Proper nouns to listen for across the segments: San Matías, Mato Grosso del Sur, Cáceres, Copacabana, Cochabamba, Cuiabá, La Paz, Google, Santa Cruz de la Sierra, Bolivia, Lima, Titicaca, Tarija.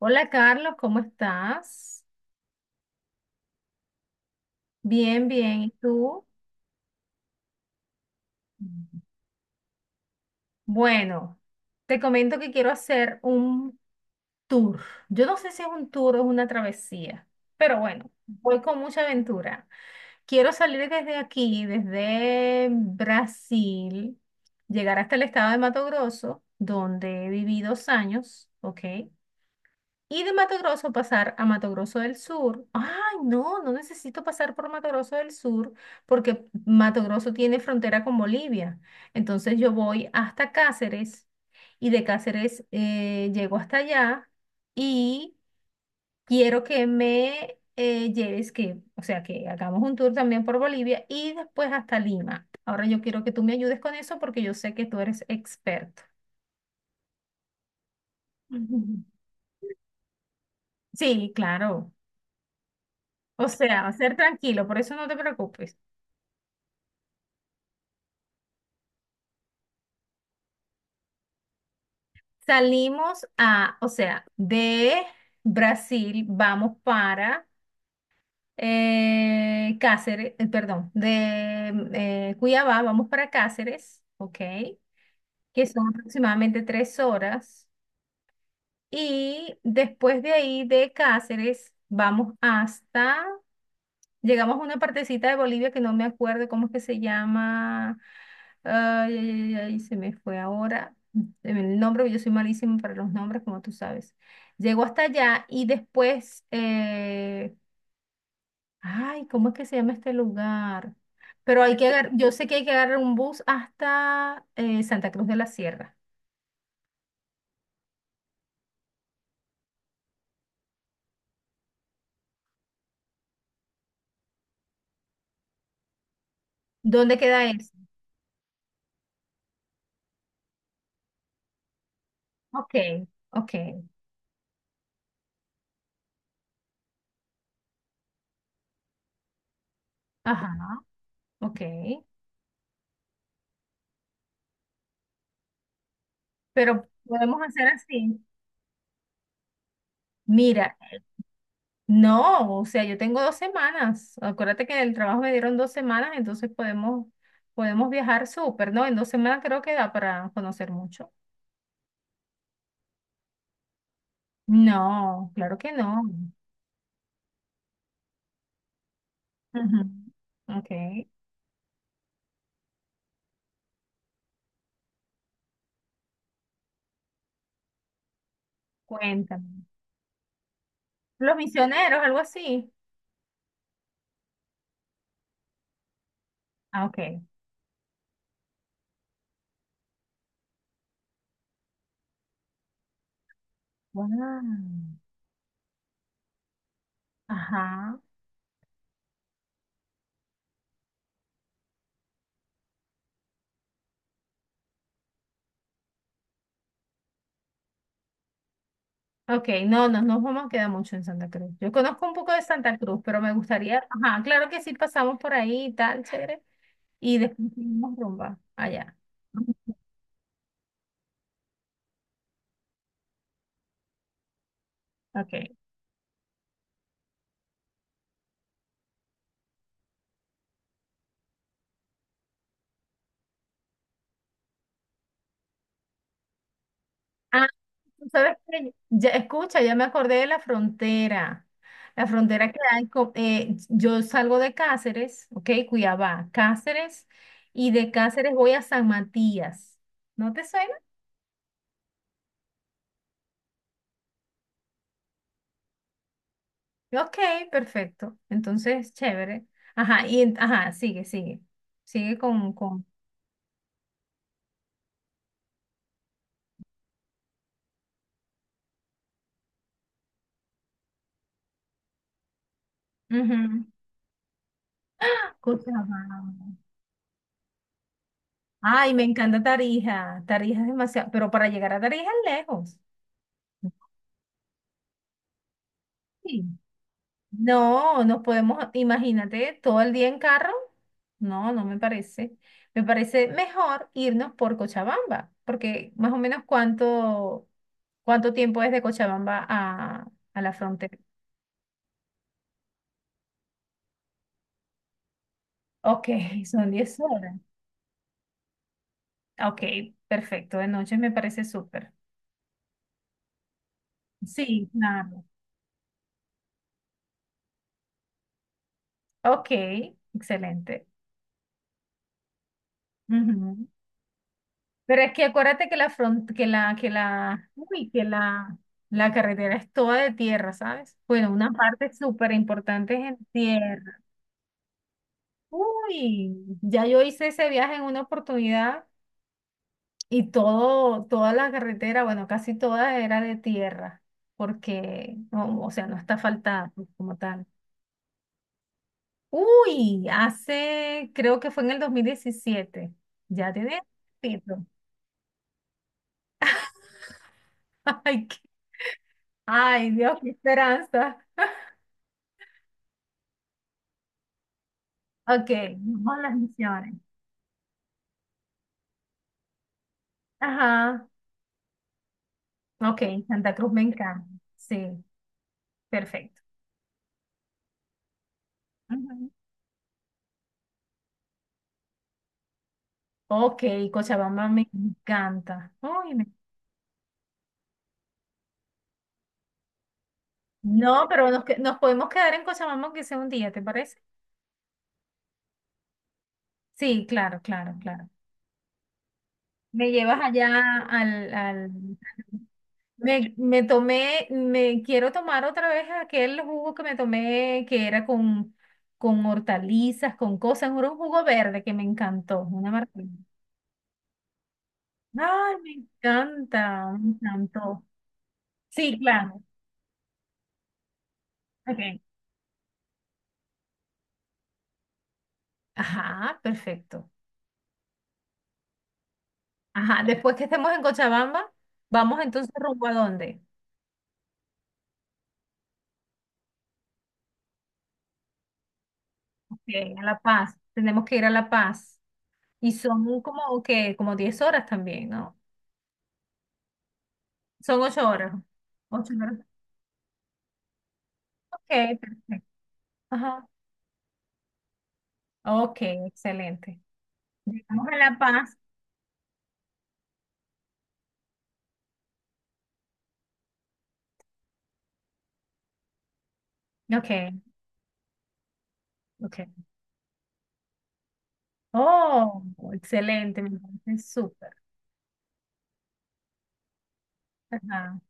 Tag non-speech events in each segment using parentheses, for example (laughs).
Hola Carlos, ¿cómo estás? Bien, bien. ¿Y tú? Bueno, te comento que quiero hacer un tour. Yo no sé si es un tour o es una travesía, pero bueno, voy con mucha aventura. Quiero salir desde aquí, desde Brasil, llegar hasta el estado de Mato Grosso, donde viví 2 años, ¿ok? Y de Mato Grosso pasar a Mato Grosso del Sur. Ay, no, no necesito pasar por Mato Grosso del Sur porque Mato Grosso tiene frontera con Bolivia. Entonces yo voy hasta Cáceres y de Cáceres llego hasta allá y quiero que me lleves, que, o sea, que hagamos un tour también por Bolivia y después hasta Lima. Ahora yo quiero que tú me ayudes con eso porque yo sé que tú eres experto. (laughs) Sí, claro. O sea, ser tranquilo, por eso no te preocupes. Salimos a, o sea, de Brasil vamos para Cáceres, perdón, de Cuiabá vamos para Cáceres, ¿ok? Que son aproximadamente 3 horas. Y después de ahí de Cáceres vamos hasta. Llegamos a una partecita de Bolivia que no me acuerdo cómo es que se llama. Ay, ay, ay, ay, se me fue ahora. El nombre, porque yo soy malísimo para los nombres, como tú sabes. Llego hasta allá y después, ay, ¿cómo es que se llama este lugar? Pero hay que agarrar, yo sé que hay que agarrar un bus hasta Santa Cruz de la Sierra. ¿Dónde queda eso? Ok, ok, ajá, ok. Pero podemos hacer así. Mira, no, o sea, yo tengo 2 semanas. Acuérdate que en el trabajo me dieron 2 semanas, entonces podemos viajar súper, ¿no? En 2 semanas creo que da para conocer mucho. No, claro que no. Ujú. Ok, cuéntame. Los misioneros, algo así. Ah, ok. Wow. Ajá. Ok, no, no nos vamos a quedar mucho en Santa Cruz. Yo conozco un poco de Santa Cruz, pero me gustaría, ajá, claro que sí pasamos por ahí y tal, chévere. Y después seguimos rumba allá. Ok. Ah, tú sabes que ya escucha, ya me acordé de la frontera. La frontera que hay, yo salgo de Cáceres, ok, Cuiabá, Cáceres, y de Cáceres voy a San Matías. ¿No te suena? Ok, perfecto. Entonces, chévere. Ajá, y ajá, sigue, sigue. Sigue con. Ujú. Cuiabá. Ay, me encanta Tarija. Tarija es demasiado, pero para llegar a Tarija es lejos. Sí. No, nos podemos, imagínate, todo el día en carro. No, no me parece. Me parece mejor irnos por Cochabamba, porque más o menos cuánto tiempo es de Cochabamba a la frontera. Ok, (laughs) son 10 horas. Ok, perfecto, de noche me parece súper. Sí, claro. Ok, excelente. Ujú. Pero es que acuérdate que la front, que la, uy, la carretera es toda de tierra, ¿sabes? Bueno, una parte súper importante es en tierra. Uy, ya yo hice ese viaje en una oportunidad y todo, toda la carretera, bueno, casi toda era de tierra, porque, no, o sea, no está asfaltada pues, como tal. Uy, hace, creo que fue en el 2017. Ya tiene tiempo. (laughs) Ay, ay, Dios, qué esperanza. Ok, vamos a las misiones. Ajá, ok, Santa Cruz me encanta. Sí, perfecto. Ujú. Ok, Cochabamba me encanta. Uy. No, pero nos podemos quedar en Cochabamba aunque sea un día, ¿te parece? Sí, claro, claro, claro. Me llevas allá al. Me quiero tomar otra vez aquel jugo que me tomé que era con, hortalizas, con cosas, era un jugo verde que me encantó, una maravilla. Ay, me encanta, me encantó. Sí, claro. Okay. Ajá, perfecto. Ajá, después que estemos en Cochabamba, vamos entonces rumbo a dónde? Ok, a La Paz. Tenemos que ir a La Paz. Y son como que como 10 horas también, ¿no? Son 8 horas. 8 horas. Ok, perfecto. Ajá. Ok, excelente. Llegamos a La Paz. Ok, ok. Oh, excelente, me parece súper. Ajá.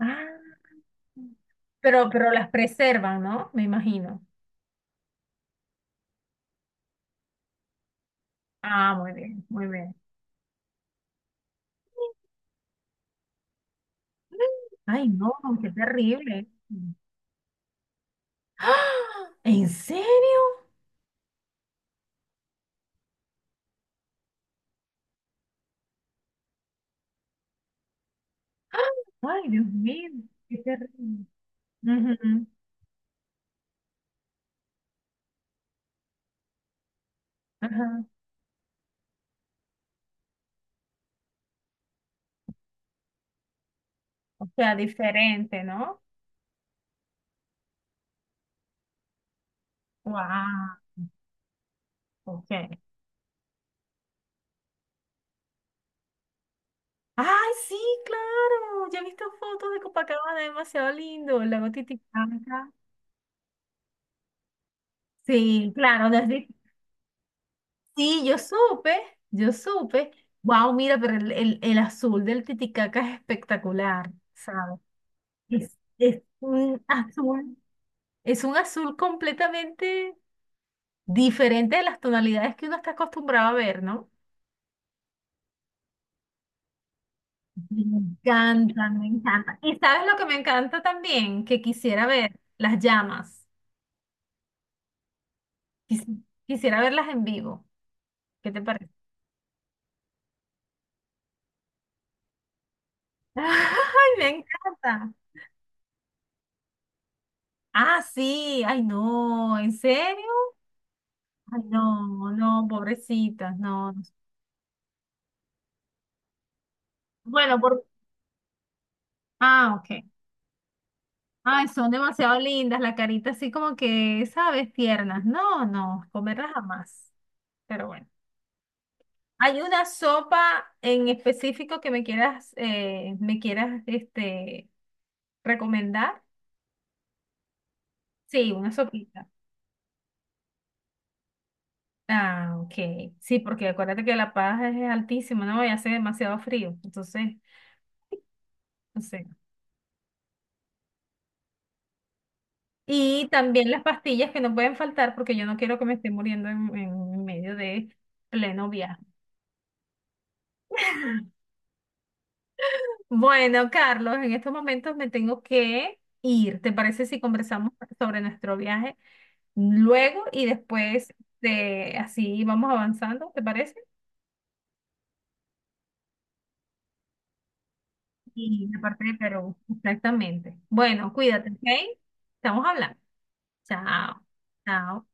Ah, pero las preservan, ¿no? Me imagino. Ah, muy bien, muy bien. Ay, no, qué terrible. (gasps) ¡Ah! ¿En serio? ¡Ah! Ay, Dios mío, qué terrible. Ujú, ajá. O sea, diferente, ¿no? Wow. Ok. Ay, sí, claro. Ya he visto fotos de Copacabana, demasiado lindo. El lago Titicaca. Sí, claro, desde. Sí, yo supe, yo supe. Wow, mira, pero el azul del Titicaca es espectacular, ¿sabes? Es, es un azul, es un azul completamente diferente de las tonalidades que uno está acostumbrado a ver, ¿no? Me encanta, me encanta. ¿Y sabes lo que me encanta también? Que quisiera ver las llamas. Quis- quisiera verlas en vivo. ¿Qué te parece? (laughs) ¡Ay, me encanta! Ah, sí, ay no, ¿en serio? Ay, no, no, pobrecitas, no. No. Bueno, por... Ah, ok. Ay, son demasiado lindas, la carita así como que, ¿sabes? Tiernas. No, no, comerlas jamás. Pero bueno. ¿Hay una sopa en específico que me quieras, recomendar? Sí, una sopita. Ah, ok. Sí, porque acuérdate que La Paz es altísima, ¿no? Y hace demasiado frío. Entonces, no sé. Y también las pastillas que no pueden faltar porque yo no quiero que me esté muriendo en medio de pleno viaje. Bueno, Carlos, en estos momentos me tengo que ir. ¿Te parece si conversamos sobre nuestro viaje luego y después de así vamos avanzando? ¿Te parece? Y la parte de Perú, exactamente. Bueno, cuídate, ¿ok? Estamos hablando. Chao, chao.